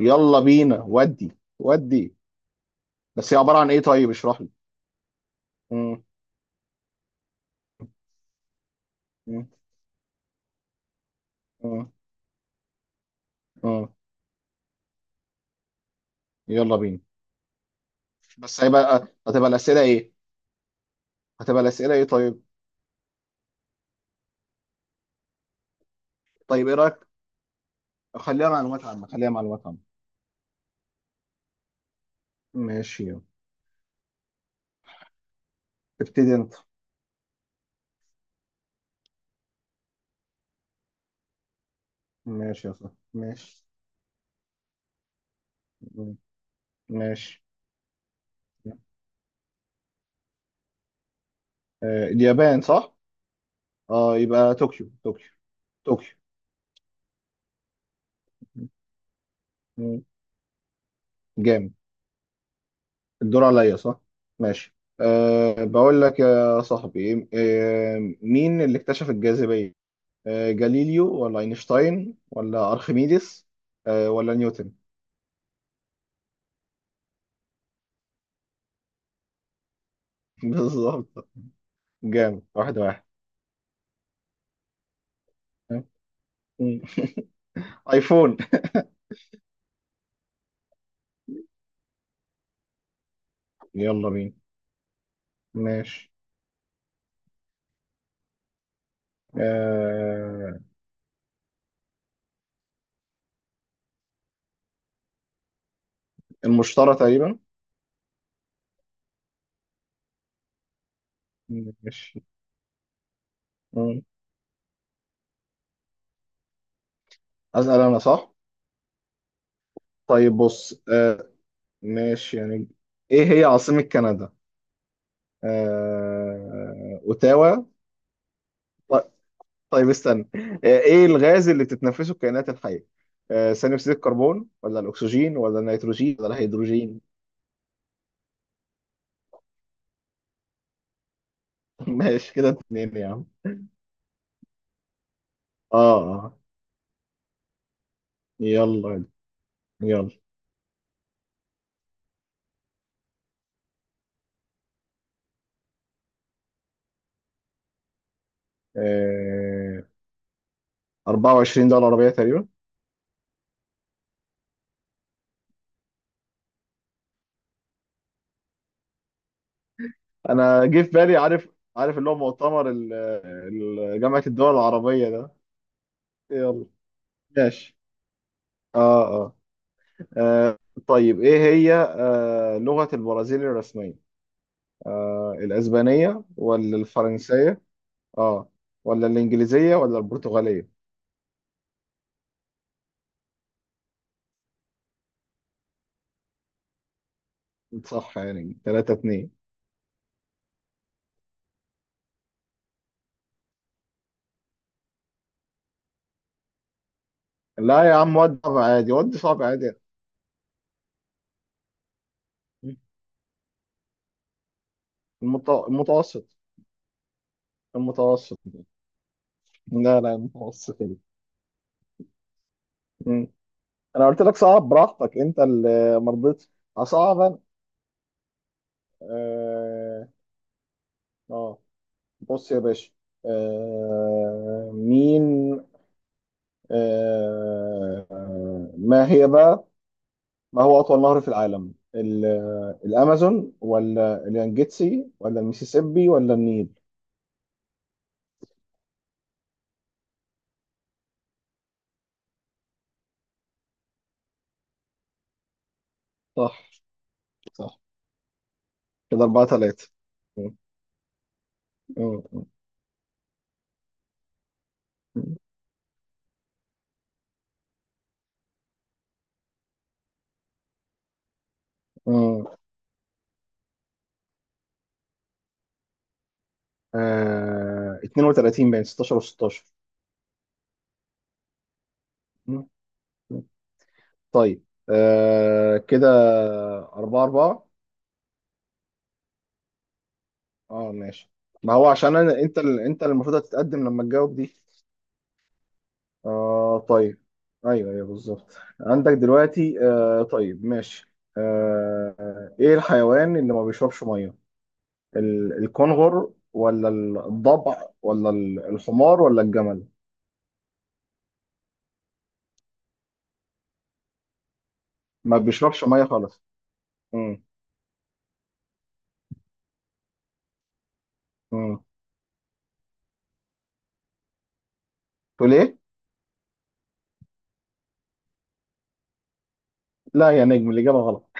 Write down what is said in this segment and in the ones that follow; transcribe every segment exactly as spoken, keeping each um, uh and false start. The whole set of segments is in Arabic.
يلا بينا ودي ودي. بس هي عبارة عن ايه؟ طيب اشرح لي. مم، مم، مم، مم. يلا بينا. بس هيبقى هتبقى الأسئلة ايه؟ هتبقى الأسئلة ايه طيب؟ طيب ايه رأيك، خليها معلومات عامة، خليها معلومات عامة. ماشي يلا. ابتدي انت. ماشي يا صاحبي ماشي. مم، ماشي. آه، اليابان صح. اه يبقى طوكيو، طوكيو، طوكيو. مم، جامد. الدور عليا صح؟ ماشي. أه بقول لك يا صاحبي، أه مين اللي اكتشف الجاذبية؟ آه، جاليليو ولا اينشتاين ولا ارخميدس، آه، ولا نيوتن؟ بالظبط، جامد. واحد واحد. مم. ايفون. يلا بينا. ماشي. آه المشترى تقريبا. ماشي. مم. اسال انا صح؟ طيب بص، آه ماشي يعني، ايه هي عاصمة كندا؟ آه اوتاوا. ط- طيب استنى. آه، ايه الغاز اللي بتتنفسه الكائنات الحية؟ آه، ثاني اكسيد الكربون ولا الاكسجين ولا النيتروجين ولا الهيدروجين؟ ماشي، كده اتنين يا عم. اه اه. يلا. يلا. آه أربعة وعشرين دولة عربية تقريبا. انا جه في بالي، عارف، عارف اللي هو مؤتمر ال- ال- جامعة الدول العربية ده. يلا. ماشي. اه اه، آه طيب، ايه هي آه لغة البرازيل الرسمية؟ آه الاسبانية ولا الفرنسية، اه، ولا الانجليزية ولا البرتغالية؟ صح، يعني ثلاثة اثنين. لا يا عم ودي صعب عادي، ودي صعب عادي. المت- المتوسط. المتوسط. لا لا، المتوسط يعني. مم. انا قلت لك صعب، براحتك انت اللي ما رضيتش. هصعب انا. اه آه. بص يا باشا، آه مين. آه ما هي بقى، ما هو اطول نهر في العالم؟ ال- الامازون ولا اليانجيتسي ولا الميسيسيبي ولا النيل؟ صح. صح. كده أربعة ثلاثة. امم اتنين وتلاتين بين ستاشر و16. طيب آه كده أربعة أربعة. اه ماشي. ما هو عشان أنا، أنت ال- أنت اللي المفروض هتتقدم لما تجاوب دي. آه طيب، أيوه أيوه بالظبط، عندك دلوقتي. آه طيب ماشي، آه آه، إيه الحيوان اللي ما بيشربش مية؟ ال- الكنغر ولا الضبع ولا ال- الحمار ولا الجمل؟ ما بيشربش مية خالص. امم امم تقول إيه؟ لا يا نجم، الإجابة غلط.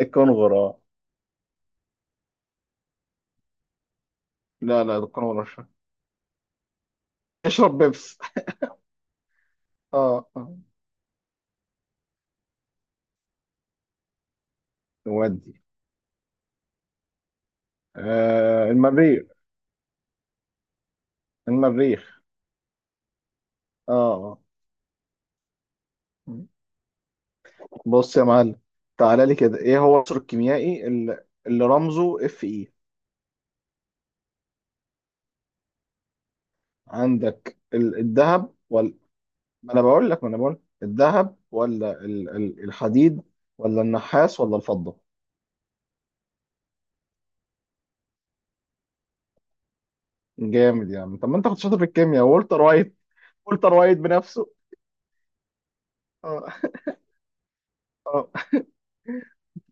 الكنغر اه. لا لا، الكنغر مش- يشرب بيبس. اه آه. نودي. آه المريخ. المريخ. اه بص يا معلم، تعالى لي كده، ايه هو العنصر الكيميائي اللي, اللي رمزه اف اي؟ عندك ال- الذهب ولا، ما انا بقول لك، ما انا بقول لك. الذهب ولا ال- ال- الحديد ولا النحاس ولا الفضة؟ جامد يا عم. طب ما انت كنت شاطر في الكيمياء، والتر وايت، والتر وايت بنفسه. اه. اه.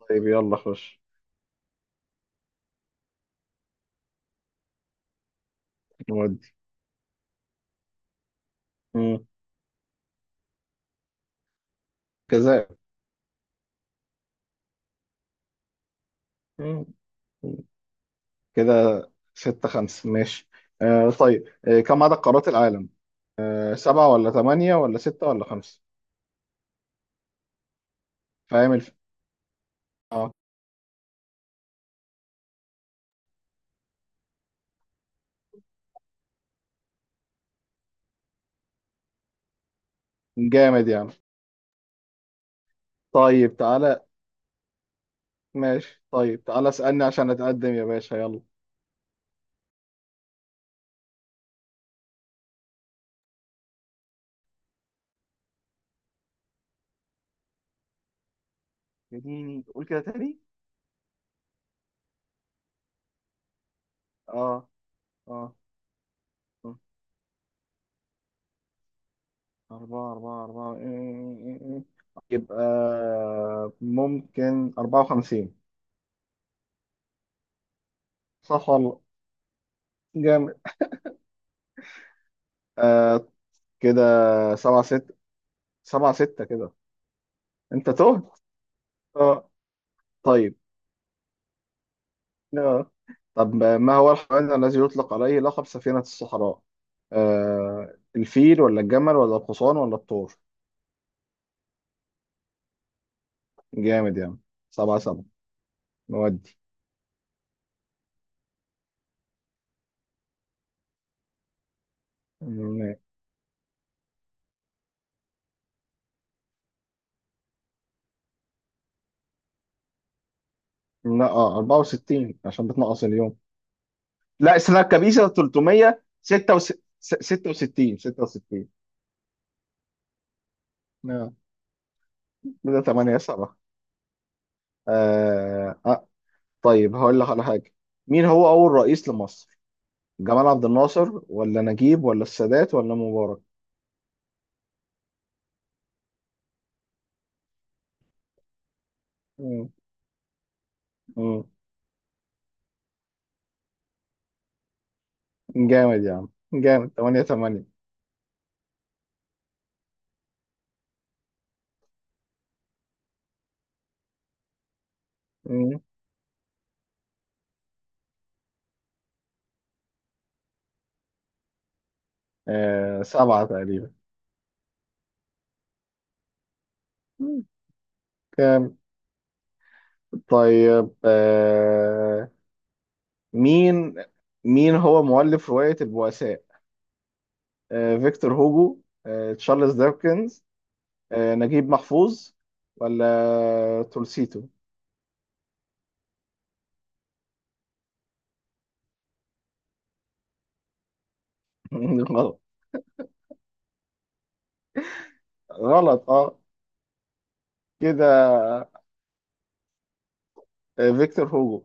طيب يلا خش. نودي. مم. كذا. مم. كده ستة خمسة. ماشي. آه طيب، آه كم عدد قارات العالم؟ آه سبعة ولا ثمانية ولا ستة ولا خمسة؟ فاهم الف... اه. جامد يعني. طيب تعالى. ماشي طيب، تعالى اسألني عشان اتقدم يا باشا، يلا. اديني قول كده تاني. اه. اه. آه. أربعة أربعة أربعة إيه. إيه، إيه، إيه. يبقى ممكن أربعة وخمسين. صح والله. جامد. آه كده سبعة ستة. سبعة ستة كده. أنت تهت. اه. طيب آه. طب ما هو الحيوان الذي يطلق عليه لقب سفينة الصحراء؟ آه الفيل ولا الجمل ولا الحصان ولا الثور؟ جامد يعني. سبعة سبعة. نودي. م- لا اه أربعة وستين عشان بتنقص اليوم. لا، السنة الكبيسة تلتمية وستة وستين. ستة وستين ستة وستون. آه. كده تمانية سبعة. آه. آه. طيب هقول لك على حاجة، مين هو أول رئيس لمصر؟ جمال عبد الناصر ولا نجيب ولا السادات ولا مبارك؟ مم. جامد يا عم. جامد. تمانية تمانية. آه سبعة تقريبا. مم. جامد. طيب آه مين، مين هو مؤلف رواية البؤساء؟ آه فيكتور هوجو، آه تشارلز ديكنز، آه نجيب محفوظ، ولا تولستوي؟ غلط. غلط اه. كده، آه فيكتور هوجو.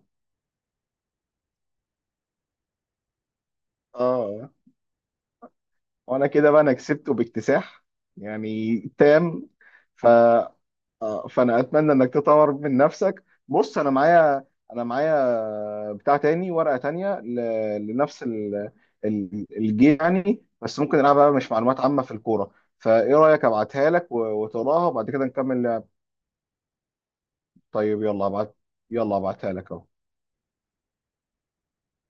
اه وانا كده بقى، انا كسبته باكتساح، يعني تام. فا آه، فانا اتمنى انك تطور من نفسك. بص انا معايا، انا معايا بتاع تاني، ورقه تانيه ل- لنفس ال- ال- الجيم يعني، بس ممكن نلعبها بقى مش معلومات عامه، في الكوره. فايه رايك ابعتها لك و- وتقراها وبعد كده نكمل لعب. طيب يلا ابعت. يلا ابعتها لك اهو.